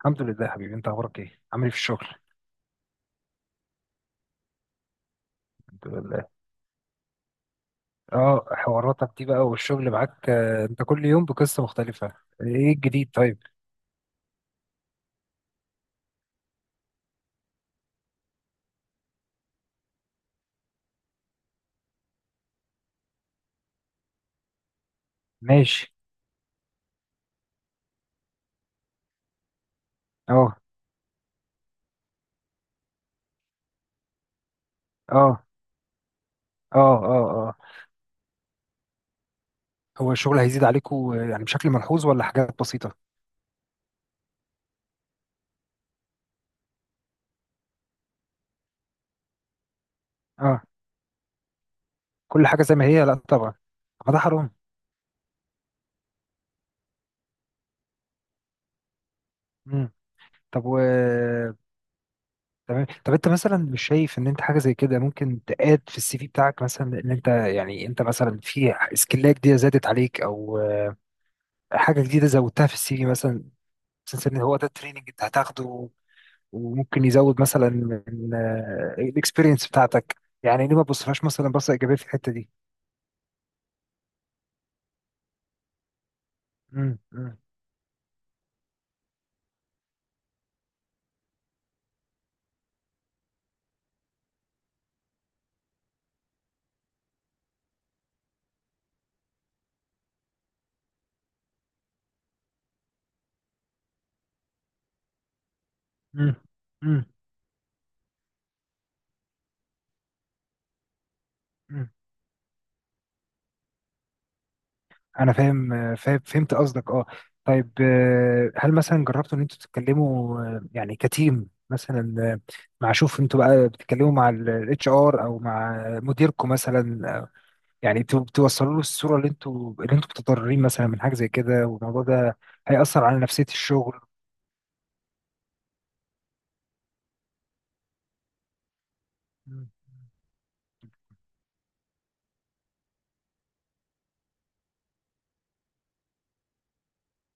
الحمد لله يا حبيبي، انت اخبارك ايه؟ عامل ايه في الشغل؟ الحمد لله. اه، حواراتك دي بقى والشغل معاك انت كل يوم بقصة مختلفة. ايه الجديد طيب؟ ماشي. اه اه اه. هو الشغل هيزيد عليكم يعني بشكل ملحوظ ولا حاجات بسيطة؟ اه، كل حاجة زي ما هي، لا طبعا. ما ده حرام. مم. طب تمام. طب انت مثلا مش شايف ان انت حاجه زي كده ممكن تقاد في السي في بتاعك؟ مثلا ان انت، يعني انت مثلا في سكيلات جديده زادت عليك او حاجه جديده زودتها في السي في مثلا. حاسس ان هو ده التريننج انت هتاخده وممكن يزود مثلا من الاكسبيرينس بتاعتك؟ يعني ليه ما تبصفهاش مثلا بصه ايجابيه في الحته دي؟ مم، مم، مم، مم، مم. انا فاهم، فاهم، فهمت قصدك. اه، طيب هل مثلا جربتوا ان انتوا تتكلموا يعني كتيم مثلا مع، شوف، انتوا بقى بتتكلموا مع الاتش ار او مع مديركم مثلا يعني توصلوا له الصوره اللي انتوا اللي انتوا متضررين مثلا من حاجه زي كده، والموضوع ده هيأثر على نفسية الشغل. مم.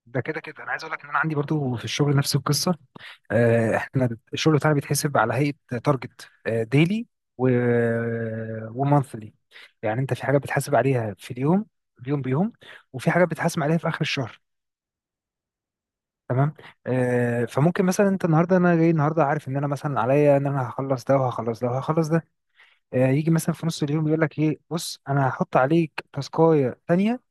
ده كده كده انا عايز اقول لك ان انا عندي برضو في الشغل نفس القصه. احنا الشغل بتاعنا بيتحسب على هيئه تارجت ديلي و ومانثلي. يعني انت في حاجه بتحاسب عليها في اليوم، اليوم بيوم، وفي حاجه بتحاسب عليها في اخر الشهر. تمام. فممكن مثلا انت النهارده، انا جاي النهارده عارف ان انا مثلا عليا ان انا هخلص ده وهخلص ده وهخلص ده. يجي مثلا في نص اليوم يقول لك ايه، بص انا هحط عليك تاسكايه تانيه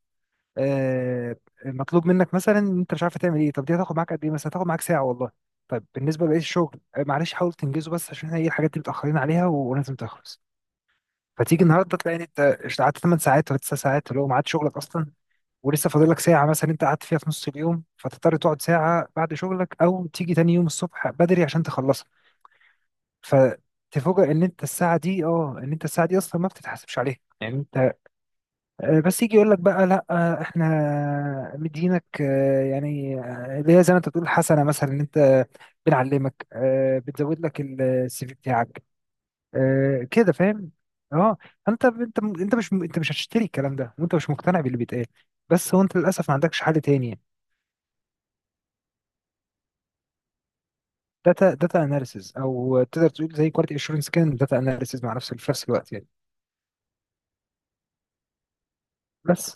آه، مطلوب منك، مثلا إن انت مش عارف تعمل ايه. طب دي هتاخد معاك قد ايه؟ مثلا هتاخد معاك ساعه والله. طيب بالنسبه لبقيه الشغل معلش حاول تنجزه بس عشان احنا ايه الحاجات دي متاخرين عليها ولازم تخلص. فتيجي النهارده تلاقي إن انت قعدت 8 ساعات ولا 9 ساعات اللي هو ميعاد شغلك اصلا، ولسه فاضل لك ساعه مثلا انت قعدت فيها في نص اليوم، فتضطر تقعد ساعه بعد شغلك او تيجي تاني يوم الصبح بدري عشان تخلصها. فتفوجئ ان انت الساعه دي، اه ان انت الساعه دي اصلا ما بتتحاسبش عليها يعني. بس يجي يقول لك بقى لا احنا مدينك يعني اللي هي زي ما انت بتقول حسنه مثلا ان انت بنعلمك بتزود لك السي في بتاعك كده، فاهم؟ اه. انت مش هتشتري الكلام ده وانت مش مقتنع باللي بيتقال، بس هو انت للاسف ما عندكش حل تاني. داتا، داتا اناليسز، او تقدر تقول زي كواليتي اشورنس كده، داتا اناليسز مع نفس في نفس الوقت يعني. بس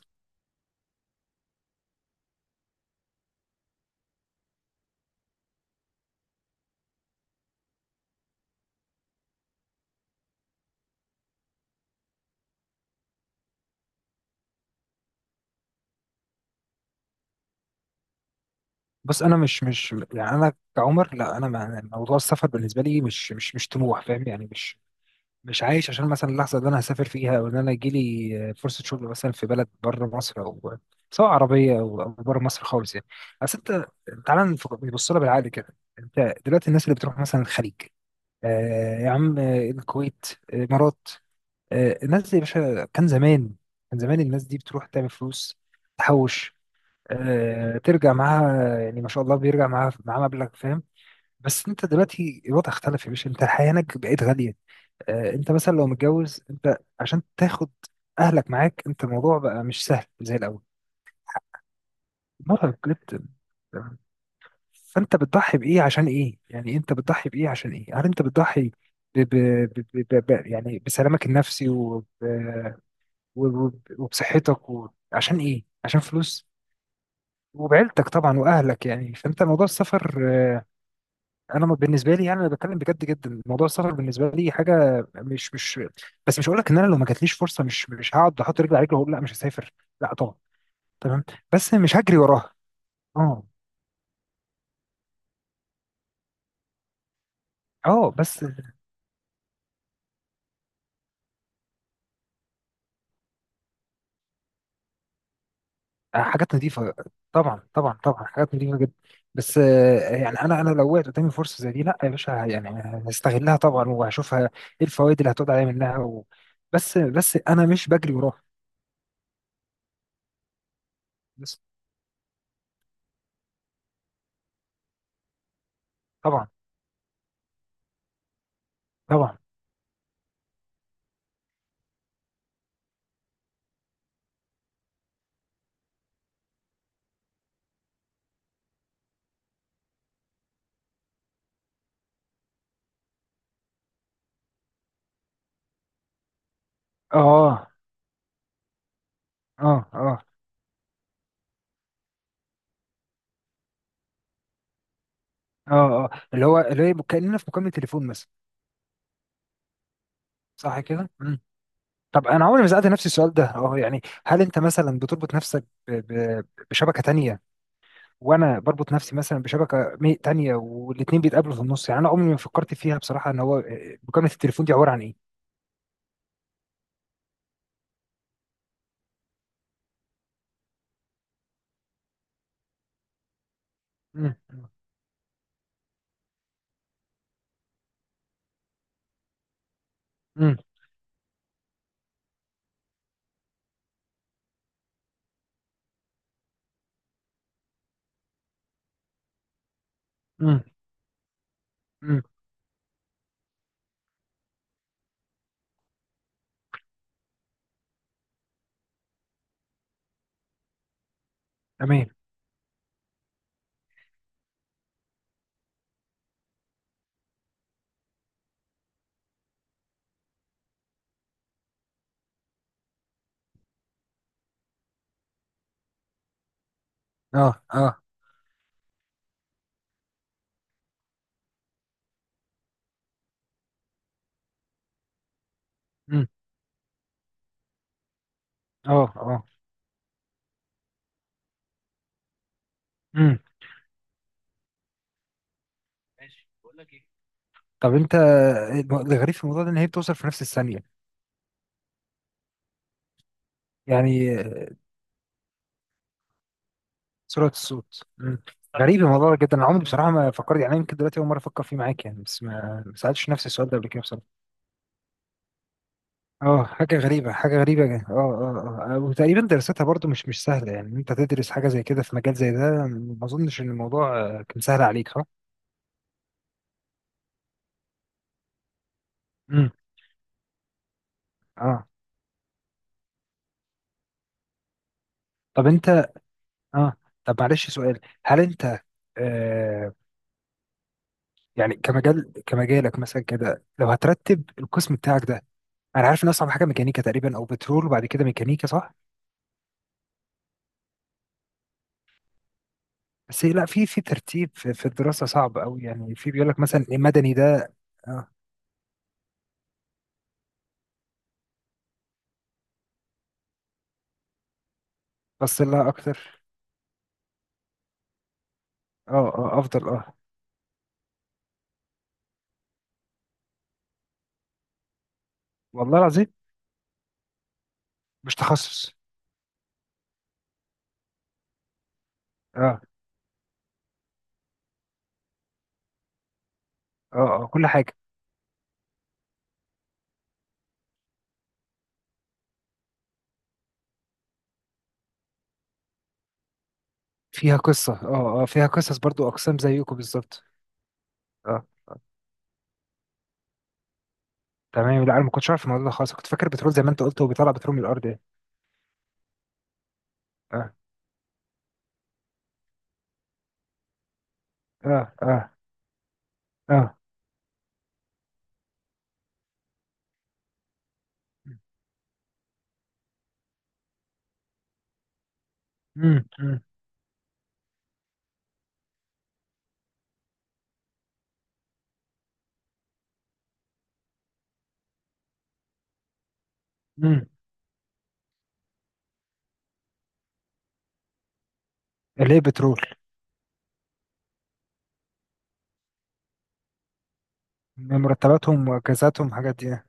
بس انا مش يعني انا كعمر، لا، انا موضوع السفر بالنسبه لي مش طموح، فاهم يعني؟ مش عايش عشان مثلا اللحظه اللي انا هسافر فيها او ان انا يجيلي فرصه شغل مثلا في بلد بره مصر، او سواء عربيه او أو بره مصر خالص يعني. بس انت تعالى نبص لها بالعقل كده. انت دلوقتي الناس اللي بتروح مثلا الخليج، آه يا عم، الكويت، الامارات، آه، الناس دي يا باشا كان زمان، كان زمان الناس دي بتروح تعمل فلوس، تحوش، آه ترجع معاها، يعني ما شاء الله بيرجع معاها، معاها مبلغ، فاهم. بس انت دلوقتي الوضع اختلف يا باشا، انت الحياه هناك بقت غاليه. انت مثلا لو متجوز، انت عشان تاخد اهلك معاك، انت الموضوع بقى مش سهل زي الاول. مرهق جدا. تمام؟ فانت بتضحي بايه عشان ايه؟ يعني انت بتضحي بايه عشان ايه؟ هل انت بتضحي ب... ب... ب... ب... ب... ب- يعني بسلامك النفسي وب... وب... وبصحتك و... عشان ايه؟ عشان فلوس وبعيلتك طبعا واهلك يعني. فانت موضوع السفر، انا بالنسبه لي يعني انا بتكلم بجد جدا، موضوع السفر بالنسبه لي حاجه مش بس. مش هقول لك ان انا لو ما جاتليش فرصه مش هقعد احط رجلي على رجلي واقول لا مش هسافر، لا طبعا. تمام. بس مش هجري وراها. اه. اه، بس حاجات نظيفه. طبعا طبعا طبعا حاجات نظيفه جدا. بس يعني انا، انا لو وقعت قدامي فرصه زي دي، لا يا باشا يعني هستغلها طبعا وهشوفها ايه الفوائد اللي هتقعد عليا منها و... بس انا مش بجري وراها. بس. طبعا. طبعا. اه اه اه اه اه، اللي هو اللي هي كأننا في مكالمة تليفون مثلا. صح كده؟ مم. طب انا عمري ما سألت نفسي السؤال ده، اه يعني هل انت مثلا بتربط نفسك ب... ب... بشبكة تانية، وانا بربط نفسي مثلا بشبكة تانية، والاتنين بيتقابلوا في النص؟ يعني انا عمري ما فكرت فيها بصراحة ان هو مكالمة التليفون دي عبارة عن ايه؟ مم. مم. مم. مم. تمام. اه، اه. مم. اه، اه. مم. ماشي. بقول لك ايه، طب انت الغريب في الموضوع ده ان هي بتوصل في نفس الثانية يعني، سرعة الصوت. مم. غريب الموضوع ده جدا، انا عمري بصراحة ما فكرت، يعني يمكن دلوقتي أول مرة أفكر فيه معاك يعني، بس ما ما سألتش نفسي السؤال ده قبل كده بصراحة. اه، حاجة غريبة، حاجة غريبة جدا. اه، وتقريبا دراستها برضو مش سهلة يعني، إن انت تدرس حاجة زي كده في مجال زي ده. ما اظنش ان الموضوع كان سهل عليك، صح؟ امم. اه. طب انت، اه، طب معلش سؤال، هل انت، آه، يعني كمجال كمجالك مثلا كده، لو هترتب القسم بتاعك ده، انا عارف ان اصعب حاجة ميكانيكا تقريبا او بترول وبعد كده ميكانيكا، صح؟ بس لا في في ترتيب في, في الدراسة صعب قوي يعني، في بيقول لك مثلا المدني ده. اه، بس لها اكتر. اه. اه، افضل. اه. والله العظيم. مش تخصص. اه. اه. اه، كل حاجة فيها قصة. اه، اه، فيها قصص برضو اقسام زيكم بالظبط. اه، تمام. لا انا ما كنتش عارف الموضوع ده خالص، كنت فاكر بترول زي ما انت قلت هو بيطلع بترول من الارض يعني. اه. اه. اه. اه. امم. امم. امم. اللي هي بترول. مرتباتهم واجازاتهم الحاجات دي يعني.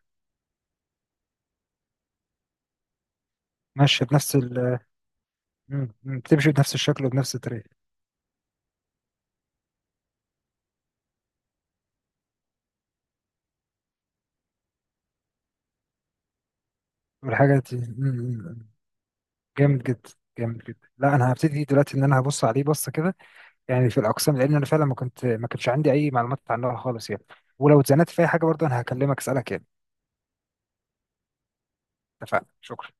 ماشية بنفس ال... مم، مم، بتمشي بنفس الشكل وبنفس الطريقة. والحاجة دي م. جامد جدا. جامد جدا. لا انا هبتدي دلوقتي ان انا هبص عليه بصه كده يعني في الاقسام، لان انا فعلا ما كنت، ما كانش عندي اي معلومات عنها خالص يعني. ولو اتزنقت في اي حاجه برضه انا هكلمك اسالك يعني. اتفقنا، شكرا.